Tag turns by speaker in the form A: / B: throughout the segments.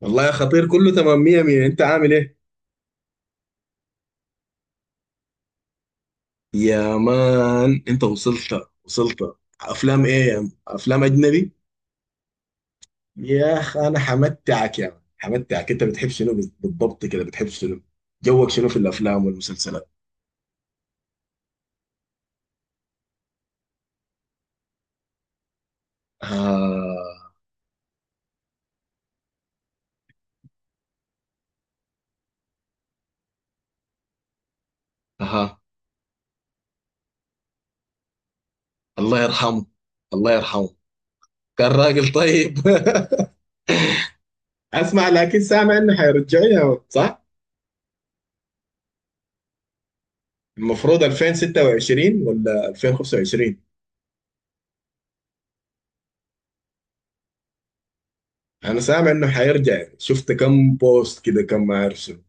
A: والله يا خطير، كله تمام مية مية. انت عامل ايه؟ يا مان انت وصلت وصلت. افلام ايه يا مان؟ افلام اجنبي. يا اخ انا حمتعك يا مان، حمتعك. انت بتحب شنو بالضبط كده، بتحب شنو؟ جوك شنو في الافلام والمسلسلات؟ آه. آه. الله يرحمه. الله يرحمه. كان راجل طيب. اسمع، لكن سامع انه حيرجعوا يا مان، صح؟ المفروض 2026 ولا 2025؟ انا سامع انه حيرجع، شفت كم بوست كده، كم ما اعرف شنو.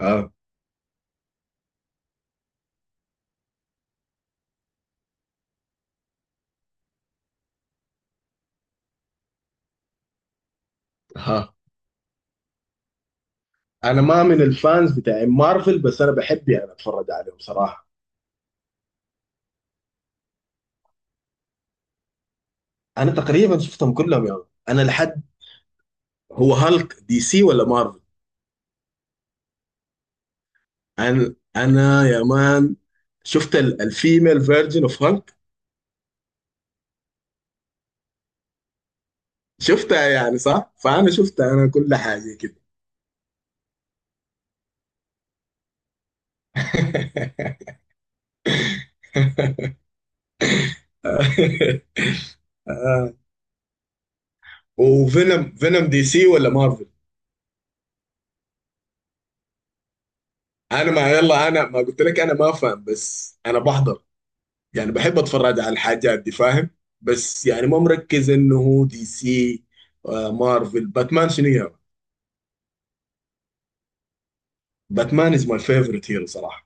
A: اه. ها. انا ما من الفانز بتاع مارفل، بس انا بحب يعني اتفرج عليهم صراحه. انا تقريبا شفتهم كلهم يعني. انا لحد. هو هالك دي سي ولا مارفل؟ انا يا مان شفت الفيميل فيرجن اوف هالك. شفتها يعني صح، فانا شفتها انا كل حاجه كده. آه. وفينوم، فينوم دي سي ولا مارفل؟ انا ما يلا، انا ما قلت لك انا ما فاهم، بس انا بحضر. يعني بحب اتفرج على الحاجات دي فاهم. بس يعني ما مركز انه هو دي سي. مارفل، باتمان شنو يا؟ باتمان از ماي فيفورت هيرو صراحه.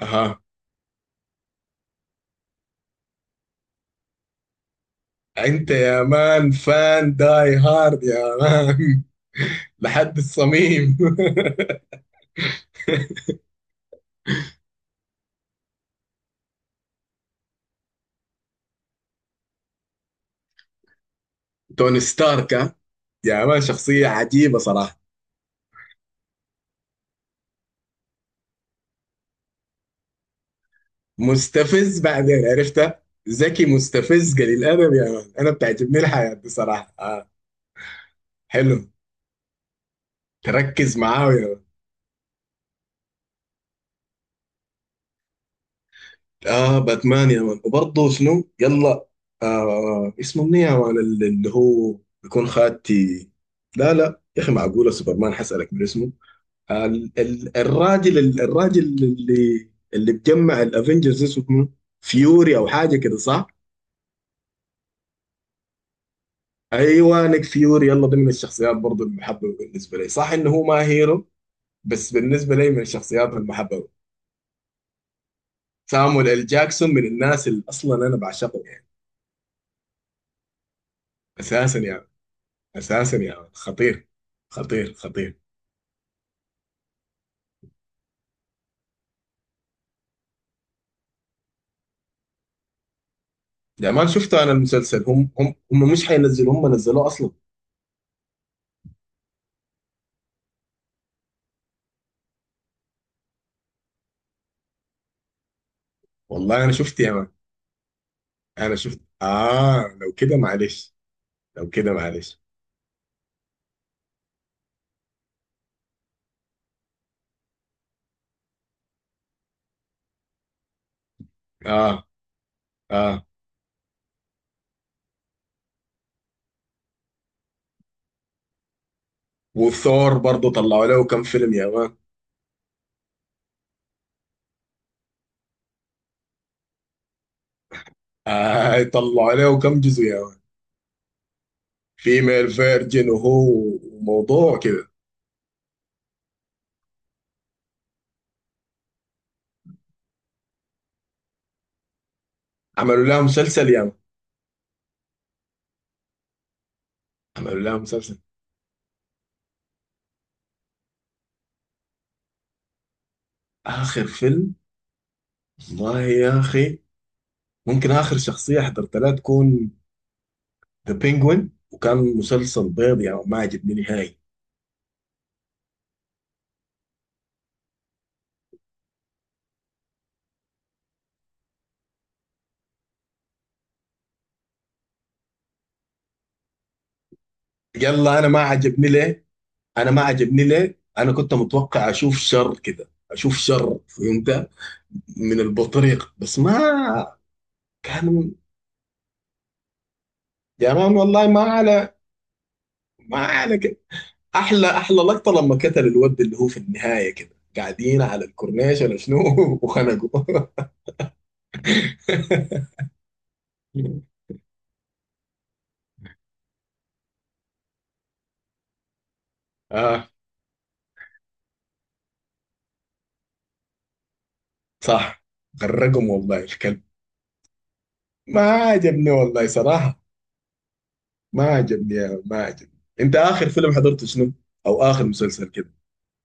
A: اها. انت يا مان فان داي هارد يا مان. لحد الصميم. توني ستارك، ها؟ يا مان، شخصيه عجيبه صراحه. مستفز، بعدين عرفته. ذكي، مستفز، قليل الادب يا مان. انا بتعجبني الحياه دي صراحه. آه. حلو. تركز معاه. اه. باتمان يا مان، وبرضه شنو يلا. اسمه مني يا مان، اللي هو بيكون خاتي. لا، لا يا اخي، معقوله سوبرمان؟ حسألك من اسمه. آه الراجل، الراجل اللي بجمع الافنجرز اسمه فيوري او حاجه كده، صح؟ ايوه نيك فيوري يلا، ده من الشخصيات برضه المحببه بالنسبه لي، صح انه هو ما هيرو، بس بالنسبه لي من الشخصيات المحببه. سامويل ال جاكسون من الناس اللي اصلا انا بعشقه يعني. اساسا يعني. اساسا يا ولد. خطير. خطير خطير. يا مان شفته انا المسلسل، هم مش حينزلوا، هم نزلوه اصلا. والله انا شفت يا مان. انا شفت. اه لو كده معلش. لو كده معلش. اه. اه. وثور برضه طلعوا له كم فيلم يا مان. طلعوا له كم جزء يا مان؟ فيميل فيرجن، وهو وموضوع كده. عملوا لها مسلسل يا مان. عملوا لها مسلسل. اخر فيلم، والله يا اخي ممكن اخر شخصيه حضرت لها تكون ذا بينجوين، وكان مسلسل بيض، يعني ما عجبني نهائي. يلا، انا ما عجبني ليه. انا ما عجبني ليه، انا كنت متوقع اشوف شر كده، اشوف شر، فهمت؟ من البطريق بس ما كان. يا مان والله، ما على، ما على كده. احلى، احلى لقطه لما قتل الود اللي هو في النهايه كده، قاعدين على الكورنيش ولا شنو وخنقوا. اه. صح. غرقهم والله الكلب. ما عجبني والله صراحه. ما عجبني يا مان، ما عجبني. انت اخر فيلم حضرته شنو، او اخر مسلسل كده،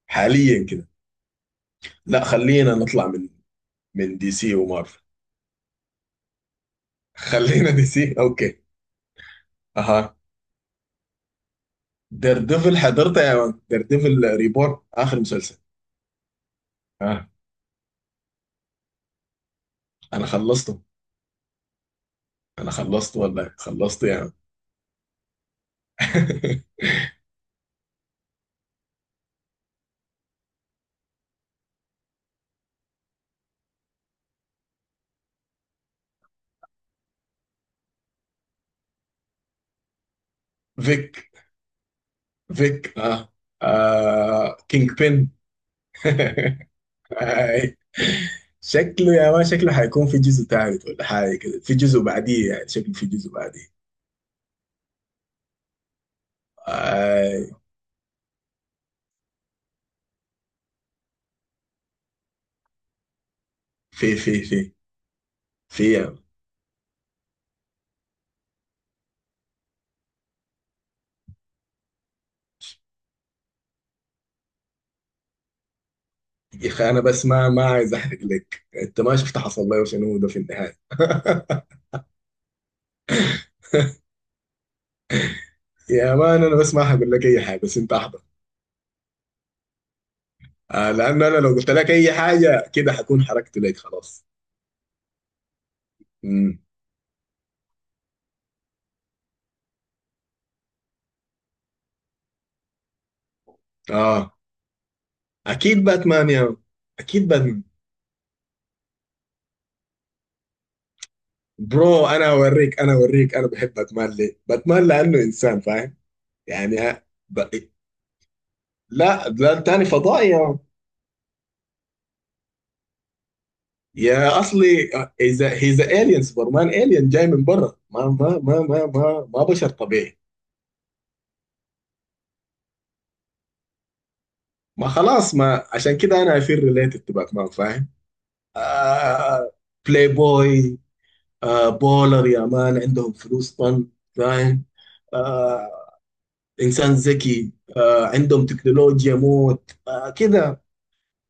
A: حاليا كده؟ لا خلينا نطلع من دي سي ومارفل. خلينا دي سي، اوكي. اها. دير ديفل، حضرته يا مان، دير ديفل ريبورن اخر مسلسل. اه. انا خلصته. انا خلصته والله، خلصته يا مان. فيك. فيك، اه. آه. كينج بين. آي. شكله يا ما، شكله حيكون في جزء ثالث ولا حاجه كده، في جزء بعديه يعني، شكله في جزء بعديه. آي. في في يا عم. يا اخي، انا بس ما عايز احرق لك، انت ما شفت حصل لي وشنو ده في النهايه. يا مان، انا بس ما هقول لك اي حاجه، بس انت احضر. لان انا لو قلت لك اي حاجه كده، حكون حركت لك خلاص. امم اه. اكيد باتمان يا مان. اكيد باتمان. برو، انا اوريك، انا اوريك، انا بحب باتمان ليه؟ باتمان لانه انسان فاهم، يعني ها؟ ب... لا، لا، تاني فضائي. يا اصلي، اذا هيز الين، سوبرمان الين جاي من برا، ما بشر طبيعي. ما خلاص، ما عشان كده انا افير ريليتد تو باتمان فاهم. آه. بلاي بوي. بولر يا مان، عندهم فلوس طن، فاهم. آه. انسان ذكي، عندهم تكنولوجيا موت، كده،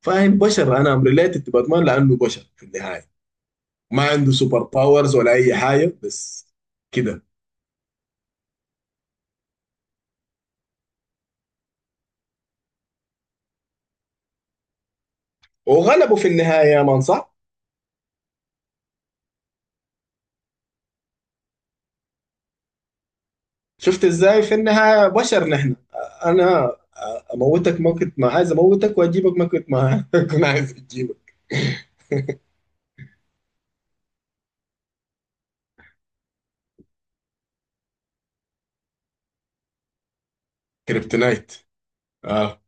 A: فاهم بشر. انا ريليتد تو باتمان لانه بشر في النهايه. ما عنده سوبر باورز ولا اي حاجه، بس كده. وغلبوا في النهايه يا مان، صح. شفت ازاي، في النهاية بشر نحن. انا اموتك ما كنت ما عايز اموتك، واجيبك ما كنت ما كنت عايز اجيبك. كريبتونايت. اه.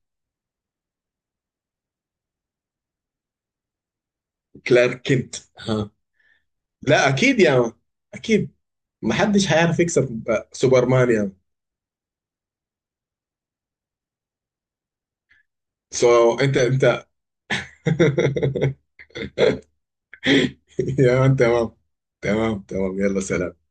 A: كلارك كنت ها. لا، اكيد يا مان، اكيد. ما حدش هيعرف يكسب سوبرمان يا مان. سو انت. يا مان تمام. تمام تمام يلا سلام.